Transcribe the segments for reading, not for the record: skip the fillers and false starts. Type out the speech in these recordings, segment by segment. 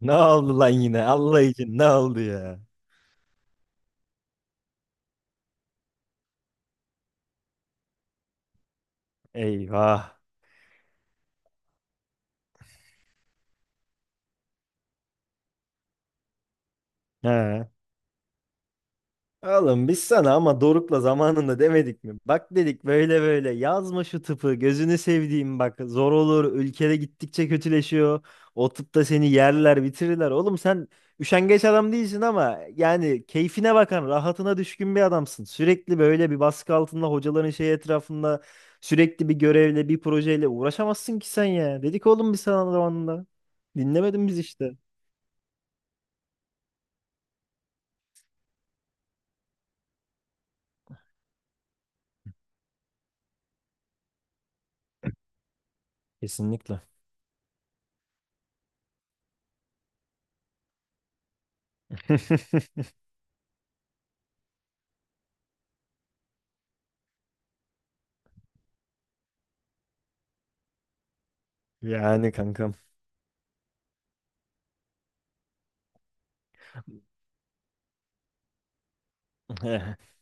Ne oldu lan yine? Allah için ne oldu ya? Eyvah. He. Oğlum biz sana ama Doruk'la zamanında demedik mi? Bak dedik böyle böyle yazma şu tıpı gözünü sevdiğim bak zor olur ülkede gittikçe kötüleşiyor. O tıpta seni yerler bitirirler. Oğlum sen üşengeç adam değilsin ama yani keyfine bakan rahatına düşkün bir adamsın. Sürekli böyle bir baskı altında hocaların şey etrafında sürekli bir görevle bir projeyle uğraşamazsın ki sen ya. Dedik oğlum biz sana zamanında. Dinlemedin biz işte. Kesinlikle. Yani kankam.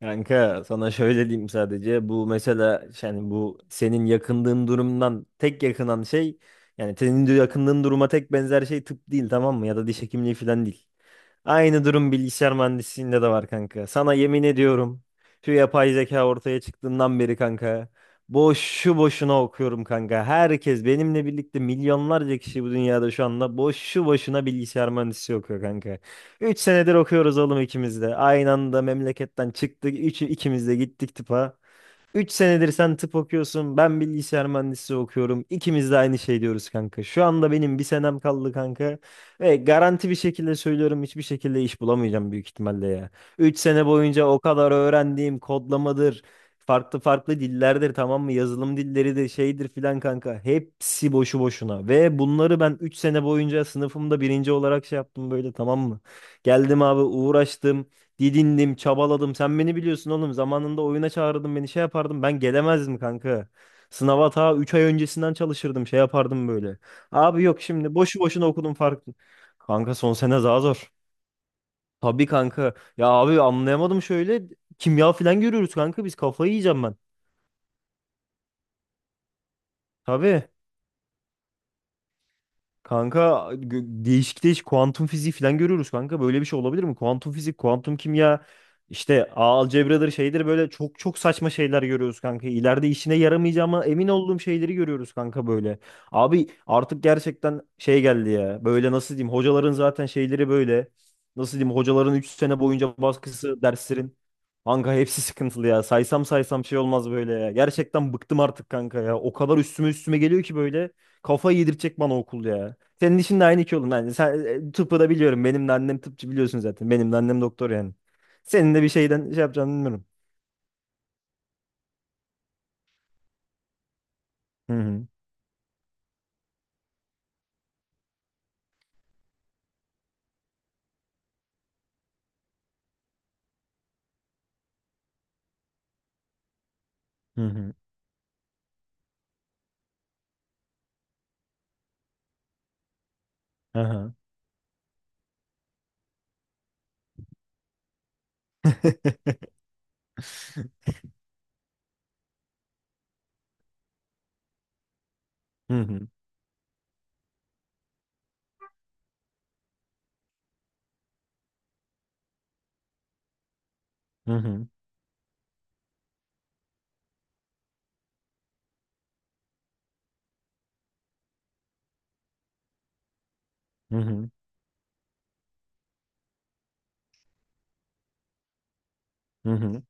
Kanka sana şöyle diyeyim sadece bu mesela yani bu senin yakındığın durumdan tek yakınan şey yani senin de yakındığın duruma tek benzer şey tıp değil tamam mı, ya da diş hekimliği falan değil. Aynı durum bilgisayar mühendisliğinde de var kanka. Sana yemin ediyorum. Şu yapay zeka ortaya çıktığından beri kanka. Boşu boşuna okuyorum kanka. Herkes benimle birlikte milyonlarca kişi bu dünyada şu anda boşu boşuna bilgisayar mühendisliği okuyor kanka. 3 senedir okuyoruz oğlum ikimiz de. Aynı anda memleketten çıktık. İkimiz de gittik tıpa. 3 senedir sen tıp okuyorsun. Ben bilgisayar mühendisliği okuyorum. İkimiz de aynı şey diyoruz kanka. Şu anda benim bir senem kaldı kanka. Ve garanti bir şekilde söylüyorum hiçbir şekilde iş bulamayacağım büyük ihtimalle ya. 3 sene boyunca o kadar öğrendiğim kodlamadır. Farklı farklı dillerdir tamam mı? Yazılım dilleridir şeydir filan kanka. Hepsi boşu boşuna. Ve bunları ben 3 sene boyunca sınıfımda birinci olarak şey yaptım böyle tamam mı? Geldim abi uğraştım. Didindim, çabaladım. Sen beni biliyorsun oğlum. Zamanında oyuna çağırdın beni şey yapardım. Ben gelemezdim kanka. Sınava ta 3 ay öncesinden çalışırdım. Şey yapardım böyle. Abi yok şimdi boşu boşuna okudum farklı. Kanka son sene daha zor. Tabii kanka. Ya abi anlayamadım şöyle. Kimya falan görüyoruz kanka. Biz kafayı yiyeceğim ben. Tabii. Kanka değişik değişik kuantum fiziği falan görüyoruz kanka. Böyle bir şey olabilir mi? Kuantum fizik, kuantum kimya, işte ağ algebradır şeydir böyle çok çok saçma şeyler görüyoruz kanka. İleride işine yaramayacağıma emin olduğum şeyleri görüyoruz kanka böyle. Abi artık gerçekten şey geldi ya. Böyle nasıl diyeyim? Hocaların zaten şeyleri böyle. Nasıl diyeyim? Hocaların 3 sene boyunca baskısı, derslerin. Kanka hepsi sıkıntılı ya. Saysam saysam şey olmaz böyle ya. Gerçekten bıktım artık kanka ya. O kadar üstüme üstüme geliyor ki böyle. Kafayı yedirecek bana okul ya. Senin işin de aynı iki oğlum. Yani sen tıpı da biliyorum. Benim de annem tıpçı biliyorsun zaten. Benim de annem doktor yani. Senin de bir şeyden şey yapacağını bilmiyorum. Hı hı. Hı hı. Aha. Hı hı. Hı hı. Hı hı. Hı hı.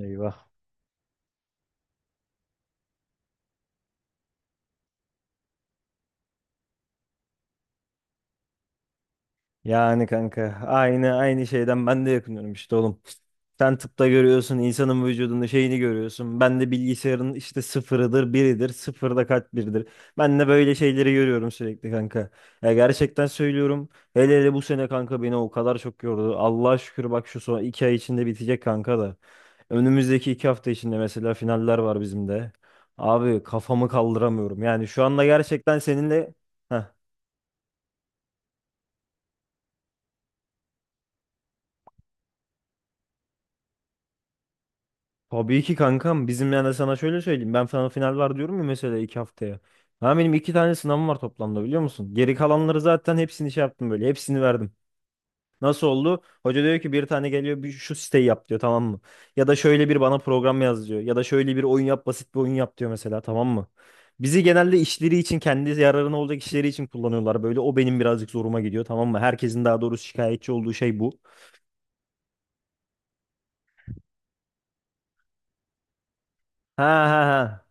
Eyvah. Yani kanka aynı aynı şeyden ben de yakınıyorum işte oğlum. Sen tıpta görüyorsun insanın vücudunda şeyini görüyorsun. Ben de bilgisayarın işte sıfırıdır biridir sıfırda kaç biridir. Ben de böyle şeyleri görüyorum sürekli kanka. Ya gerçekten söylüyorum. Hele hele bu sene kanka beni o kadar çok yordu. Allah'a şükür bak şu son 2 ay içinde bitecek kanka da. Önümüzdeki 2 hafta içinde mesela finaller var bizim de. Abi kafamı kaldıramıyorum. Yani şu anda gerçekten seninle... Heh. Tabii ki kankam. Bizim yani sana şöyle söyleyeyim. Ben sana final var diyorum ya mesela 2 haftaya. Ha benim 2 tane sınavım var toplamda biliyor musun? Geri kalanları zaten hepsini şey yaptım böyle. Hepsini verdim. Nasıl oldu? Hoca diyor ki bir tane geliyor bir şu siteyi yap diyor tamam mı? Ya da şöyle bir bana program yaz diyor. Ya da şöyle bir oyun yap basit bir oyun yap diyor mesela tamam mı? Bizi genelde işleri için kendi yararına olacak işleri için kullanıyorlar böyle. O benim birazcık zoruma gidiyor tamam mı? Herkesin daha doğrusu şikayetçi olduğu şey bu. Ha ha ha.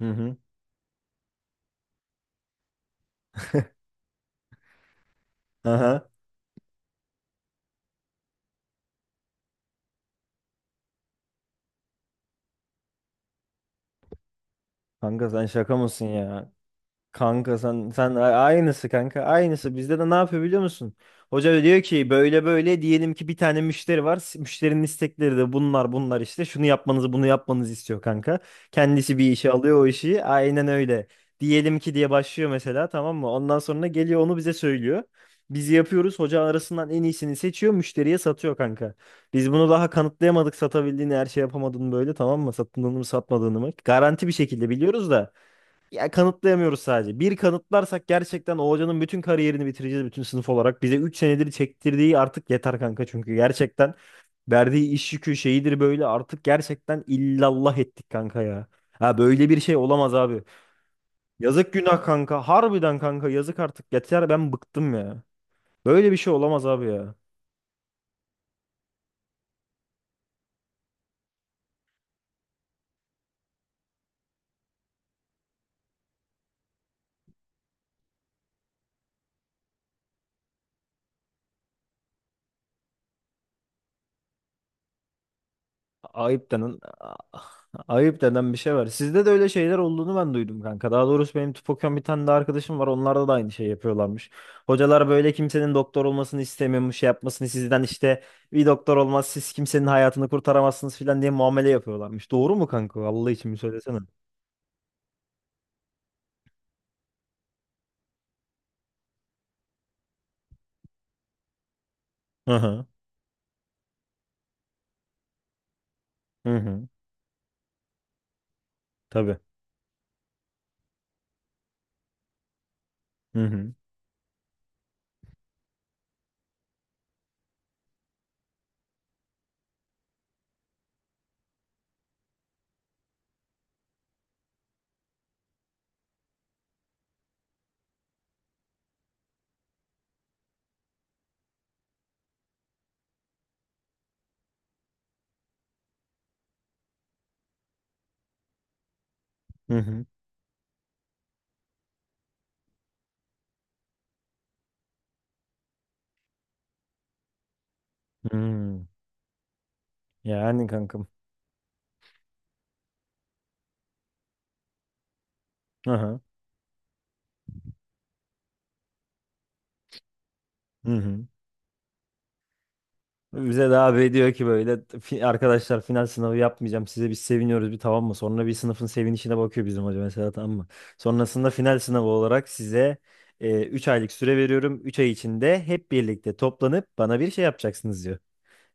Hı hı. Aha. Kanka sen şaka mısın ya? Kanka sen aynısı kanka aynısı bizde de ne yapıyor biliyor musun? Hoca diyor ki böyle böyle diyelim ki bir tane müşteri var. Müşterinin istekleri de bunlar bunlar işte. Şunu yapmanızı bunu yapmanızı istiyor kanka. Kendisi bir işe alıyor o işi. Aynen öyle. Diyelim ki diye başlıyor mesela tamam mı? Ondan sonra geliyor onu bize söylüyor. Biz yapıyoruz. Hoca arasından en iyisini seçiyor. Müşteriye satıyor kanka. Biz bunu daha kanıtlayamadık satabildiğini her şey yapamadığını böyle tamam mı? Sattığını mı satmadığını mı? Garanti bir şekilde biliyoruz da. Ya kanıtlayamıyoruz sadece. Bir kanıtlarsak gerçekten o hocanın bütün kariyerini bitireceğiz bütün sınıf olarak. Bize 3 senedir çektirdiği artık yeter kanka çünkü gerçekten verdiği iş yükü şeyidir böyle artık gerçekten illallah ettik kanka ya. Ha böyle bir şey olamaz abi. Yazık günah kanka. Harbiden kanka yazık artık yeter ben bıktım ya. Böyle bir şey olamaz abi ya. Ayıp denen ayıp denen bir şey var. Sizde de öyle şeyler olduğunu ben duydum kanka. Daha doğrusu benim tıp okuyan bir tane de arkadaşım var. Onlarda da aynı şey yapıyorlarmış. Hocalar böyle kimsenin doktor olmasını istemiyormuş, şey yapmasını sizden işte bir doktor olmaz, siz kimsenin hayatını kurtaramazsınız filan diye muamele yapıyorlarmış. Doğru mu kanka? Allah için bir söylesene. Hı hı. Hı hı. Tabii. Hı hı. Hı hı. Hı hı. Yani kankam. Hı hı. Hı hı. Bize de abi diyor ki böyle, arkadaşlar final sınavı yapmayacağım size biz seviniyoruz bir tamam mı? Sonra bir sınıfın sevinişine bakıyor bizim hoca mesela tamam mı? Sonrasında final sınavı olarak size 3 aylık süre veriyorum. 3 ay içinde hep birlikte toplanıp bana bir şey yapacaksınız diyor.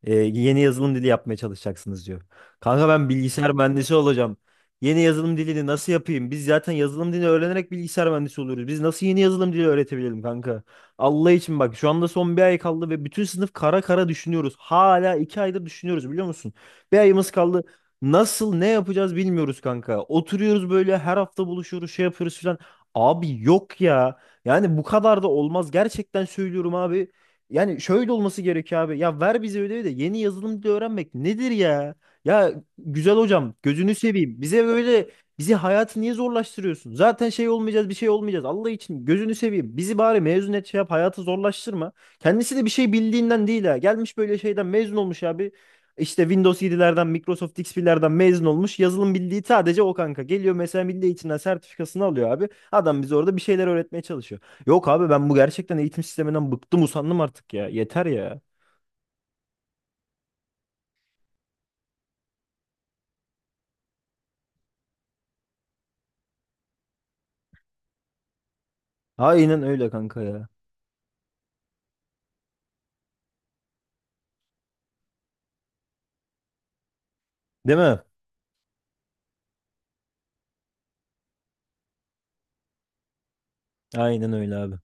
Yeni yazılım dili yapmaya çalışacaksınız diyor. Kanka ben bilgisayar mühendisi olacağım. Yeni yazılım dilini nasıl yapayım? Biz zaten yazılım dilini öğrenerek bilgisayar mühendisi oluyoruz. Biz nasıl yeni yazılım dili öğretebilelim kanka? Allah için bak şu anda son bir ay kaldı ve bütün sınıf kara kara düşünüyoruz. Hala 2 aydır düşünüyoruz biliyor musun? Bir ayımız kaldı. Nasıl ne yapacağız bilmiyoruz kanka. Oturuyoruz böyle her hafta buluşuyoruz şey yapıyoruz filan. Abi yok ya. Yani bu kadar da olmaz. Gerçekten söylüyorum abi. Yani şöyle olması gerekiyor abi. Ya ver bize ödevi de yeni yazılım dili öğrenmek nedir ya? Ya güzel hocam gözünü seveyim. Bize böyle bizi hayatı niye zorlaştırıyorsun? Zaten şey olmayacağız bir şey olmayacağız. Allah için gözünü seveyim. Bizi bari mezun et şey yap hayatı zorlaştırma. Kendisi de bir şey bildiğinden değil ha. Gelmiş böyle şeyden mezun olmuş abi. İşte Windows 7'lerden Microsoft XP'lerden mezun olmuş. Yazılım bildiği sadece o kanka. Geliyor mesela milli eğitimden sertifikasını alıyor abi. Adam bize orada bir şeyler öğretmeye çalışıyor. Yok abi ben bu gerçekten eğitim sisteminden bıktım usandım artık ya. Yeter ya. Aynen öyle kanka ya. Değil mi? Aynen öyle abi.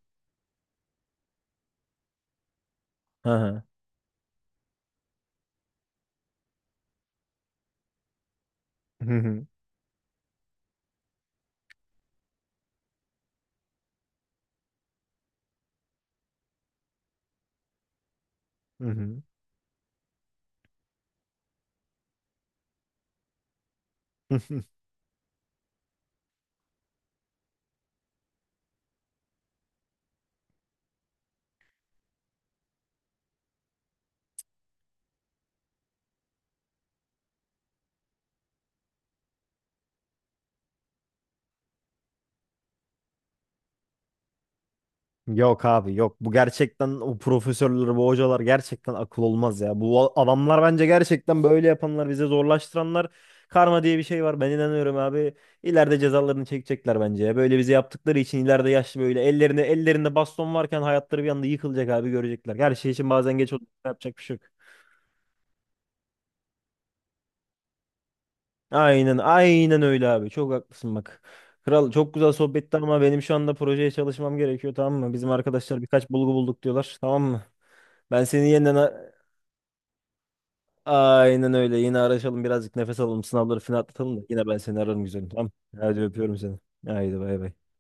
Hı hı. Hı hı. Hı hı. Yok abi yok. Bu gerçekten o profesörler, bu hocalar gerçekten akıl olmaz ya. Bu adamlar bence gerçekten böyle yapanlar, bize zorlaştıranlar. Karma diye bir şey var. Ben inanıyorum abi. İleride cezalarını çekecekler bence ya. Böyle bize yaptıkları için ileride yaşlı böyle ellerinde baston varken hayatları bir anda yıkılacak abi görecekler. Her şey için bazen geç olup yapacak bir şey yok. Aynen, aynen öyle abi. Çok haklısın bak. Kral çok güzel sohbetti ama benim şu anda projeye çalışmam gerekiyor tamam mı? Bizim arkadaşlar birkaç bulgu bulduk diyorlar tamam mı? Ben seni yeniden a- aynen öyle yine araşalım birazcık nefes alalım sınavları falan atlatalım da yine ben seni ararım güzelim tamam. Hadi öpüyorum seni. Haydi bay bay.